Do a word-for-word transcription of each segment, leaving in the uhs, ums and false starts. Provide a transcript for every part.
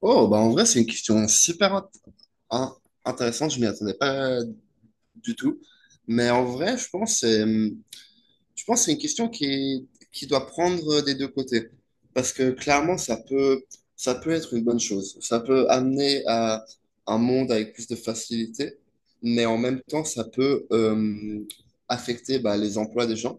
Oh, bah en vrai, c'est une question super int- in- intéressante. Je m'y attendais pas du tout. Mais en vrai, je pense que c'est. hmm, je pense que c'est une question qui qui doit prendre des deux côtés. Parce que clairement, ça peut, ça peut être une bonne chose. Ça peut amener à un monde avec plus de facilité, mais en même temps, ça peut euh, affecter bah, les emplois des gens.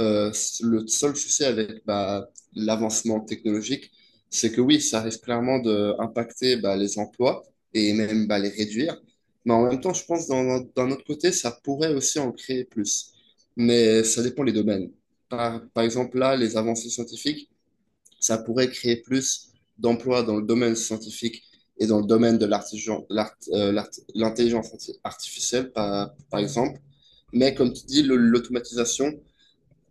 Euh, le seul souci avec bah, l'avancement technologique, c'est que oui, ça risque clairement d'impacter bah, les emplois et même bah, les réduire. Mais en même temps, je pense que d'un d'un autre côté, ça pourrait aussi en créer plus, mais ça dépend les domaines. Par, par exemple, là, les avancées scientifiques, ça pourrait créer plus d'emplois dans le domaine scientifique et dans le domaine de l'artigen- l'art- euh, l'art- l'intelligence arti- artificielle, par, par exemple. Mais comme tu dis, le- l'automatisation,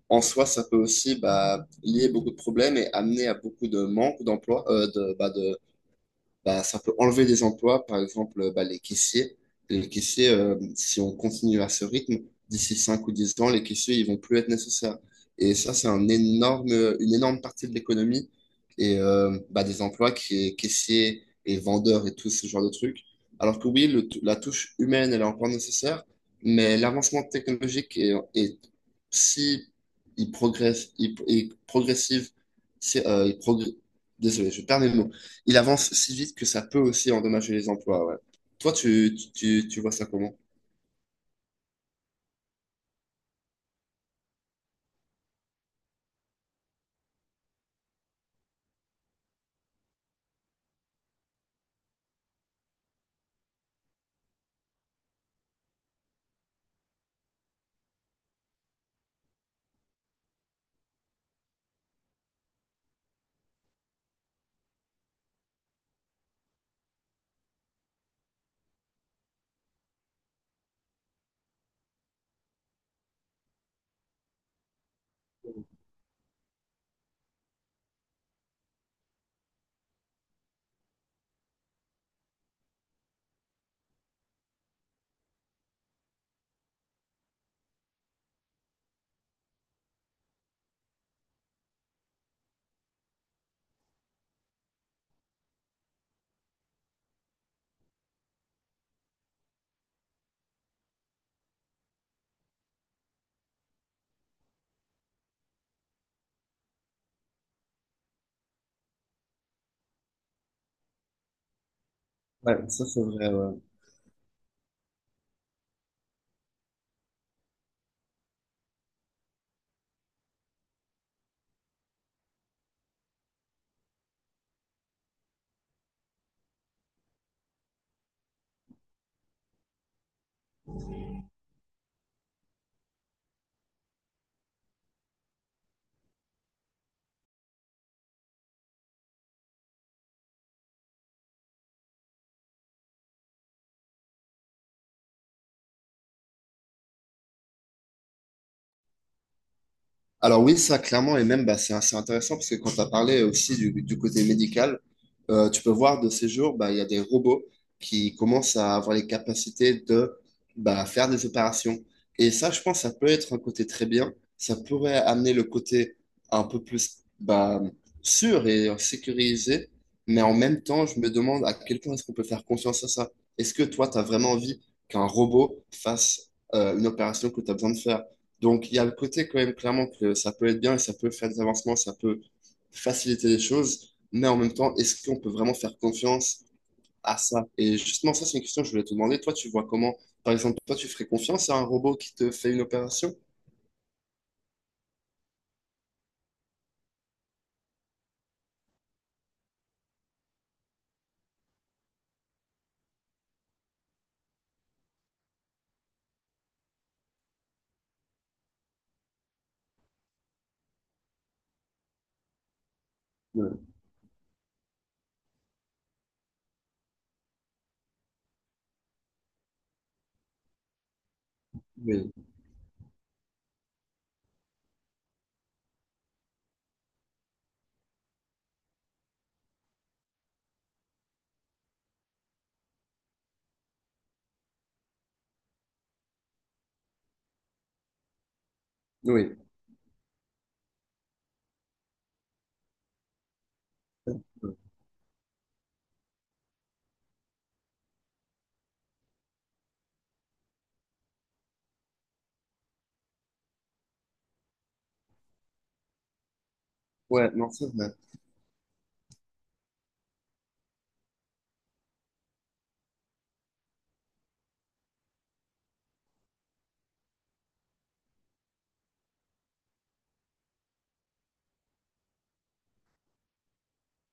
en soi, ça peut aussi bah, lier beaucoup de problèmes et amener à beaucoup de manque d'emplois, euh, de, bah, de, bah, ça peut enlever des emplois, par exemple euh, bah, les caissiers. Les caissiers, euh, si on continue à ce rythme, d'ici cinq ou dix ans, les caissiers, ils vont plus être nécessaires. Et ça, c'est un énorme, une énorme partie de l'économie et euh, bah, des emplois qui est caissier et vendeur et tout ce genre de trucs. Alors que oui, le- la touche humaine, elle est encore nécessaire, mais l'avancement technologique est, est si il progresse, il, il progressive, si, euh, il progr- désolé, je perds mes mots, il avance si vite que ça peut aussi endommager les emplois. Ouais. Toi, tu, tu, tu vois ça comment? Ouais, ça c'est vrai. Ouais. Alors oui, ça clairement, et même bah, c'est assez intéressant parce que quand tu as parlé aussi du, du côté médical, euh, tu peux voir de ces jours, bah, il y a des robots qui commencent à avoir les capacités de bah, faire des opérations. Et ça, je pense, ça peut être un côté très bien. Ça pourrait amener le côté un peu plus bah, sûr et sécurisé, mais en même temps, je me demande à quel point est-ce qu'on peut faire confiance à ça. Est-ce que toi, tu as vraiment envie qu'un robot fasse euh, une opération que tu as besoin de faire? Donc, il y a le côté quand même clairement que ça peut être bien et ça peut faire des avancements, ça peut faciliter les choses, mais en même temps, est-ce qu'on peut vraiment faire confiance à ça? Et justement, ça, c'est une question que je voulais te demander. Toi, tu vois comment, par exemple, toi, tu ferais confiance à un robot qui te fait une opération? Oui, oui, oui. Ouais, non, c'est vrai.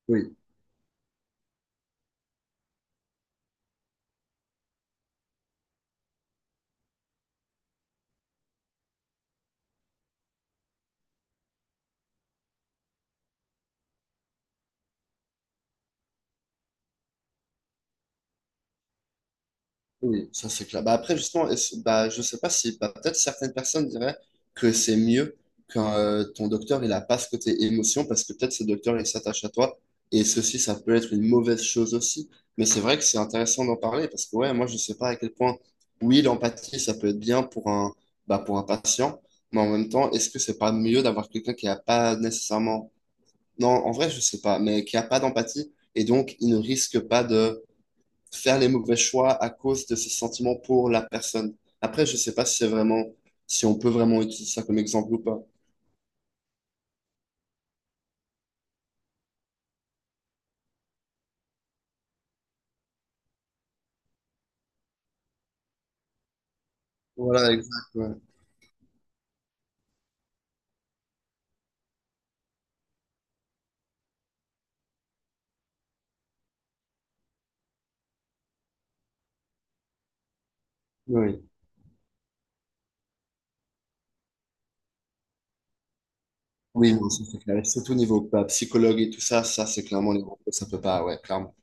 Oui. Oui, ça c'est clair. Bah, après, justement, est-ce- bah, je sais pas si bah, peut-être certaines personnes diraient que c'est mieux quand euh, ton docteur il a pas ce côté émotion parce que peut-être ce docteur il s'attache à toi et ceci ça peut être une mauvaise chose aussi. Mais c'est vrai que c'est intéressant d'en parler parce que ouais, moi je sais pas à quel point oui l'empathie ça peut être bien pour un bah, pour un patient, mais en même temps est-ce que c'est pas mieux d'avoir quelqu'un qui a pas nécessairement, non en vrai je sais pas, mais qui a pas d'empathie et donc il ne risque pas faire les mauvais choix à cause de ses sentiments pour la personne. Après, je sais pas si c'est vraiment, si on peut vraiment utiliser ça comme exemple ou pas. Voilà, exact, ouais. Oui, oui, non, ça c'est clair. Et surtout au niveau bah, psychologue et tout ça, ça c'est clairement les gros, ça peut pas, ouais, clairement.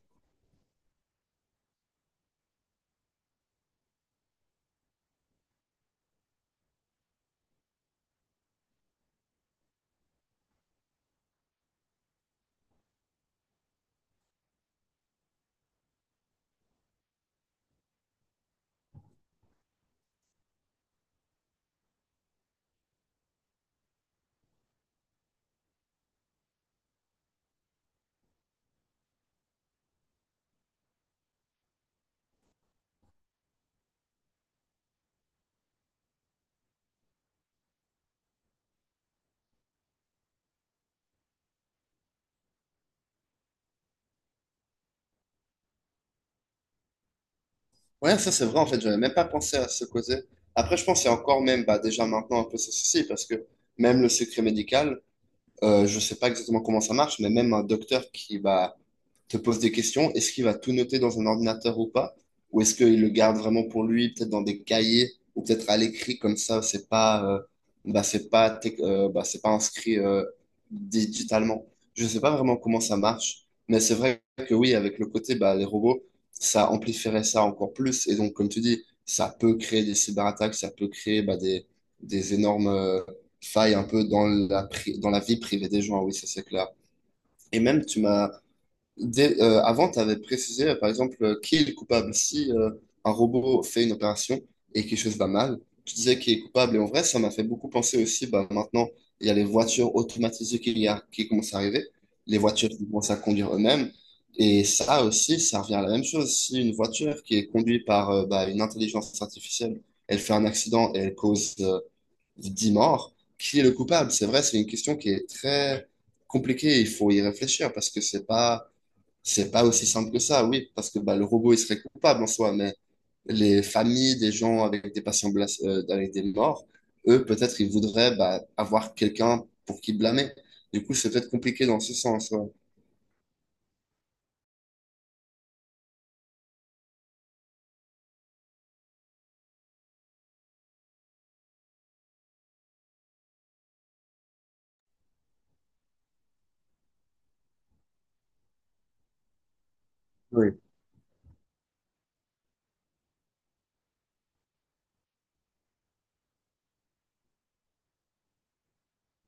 Ouais, ça c'est vrai, en fait, j'avais même pas pensé à ce côté. Après, je pense qu'il y a encore même, bah, déjà maintenant un peu ce souci, parce que même le secret médical, euh, je sais pas exactement comment ça marche, mais même un docteur qui, bah, te pose des questions. Est-ce qu'il va tout noter dans un ordinateur ou pas? Ou est-ce qu'il le garde vraiment pour lui, peut-être dans des cahiers ou peut-être à l'écrit, comme ça, c'est pas, euh, bah, c'est pas, tec- euh, bah, c'est pas inscrit euh, digitalement. Je sais pas vraiment comment ça marche, mais c'est vrai que oui, avec le côté, bah, les robots, ça amplifierait ça encore plus. Et donc, comme tu dis, ça peut créer des cyberattaques, ça peut créer bah, des, des énormes euh, failles un peu dans la, pri- dans la vie privée des gens, oui, ça c'est clair. Et même, tu m'as Dès- euh, avant, tu avais précisé, euh, par exemple, euh, qui est le coupable. Si euh, un robot fait une opération et quelque chose va mal, tu disais qui est coupable. Et en vrai, ça m'a fait beaucoup penser aussi, bah, maintenant, il y a les voitures automatisées qu'il y a, qui commencent à arriver, les voitures qui commencent à conduire eux-mêmes. Et ça aussi, ça revient à la même chose. Si une voiture qui est conduite par euh, bah, une intelligence artificielle, elle fait un accident et elle cause euh, dix morts, qui est le coupable? C'est vrai, c'est une question qui est très compliquée. Il faut y réfléchir parce que c'est pas c'est pas aussi simple que ça, oui, parce que bah, le robot, il serait coupable en soi, mais les familles des gens avec des patients blas- euh, avec des morts, eux, peut-être, ils voudraient bah, avoir quelqu'un pour qui blâmer. Du coup, c'est peut-être compliqué dans ce sens. Ouais. Oui.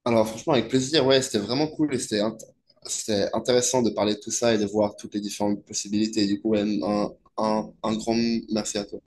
Alors, franchement, avec plaisir, ouais, c'était vraiment cool et c'était int- c'était intéressant de parler de tout ça et de voir toutes les différentes possibilités. Du coup, ouais, un, un, un grand merci à toi.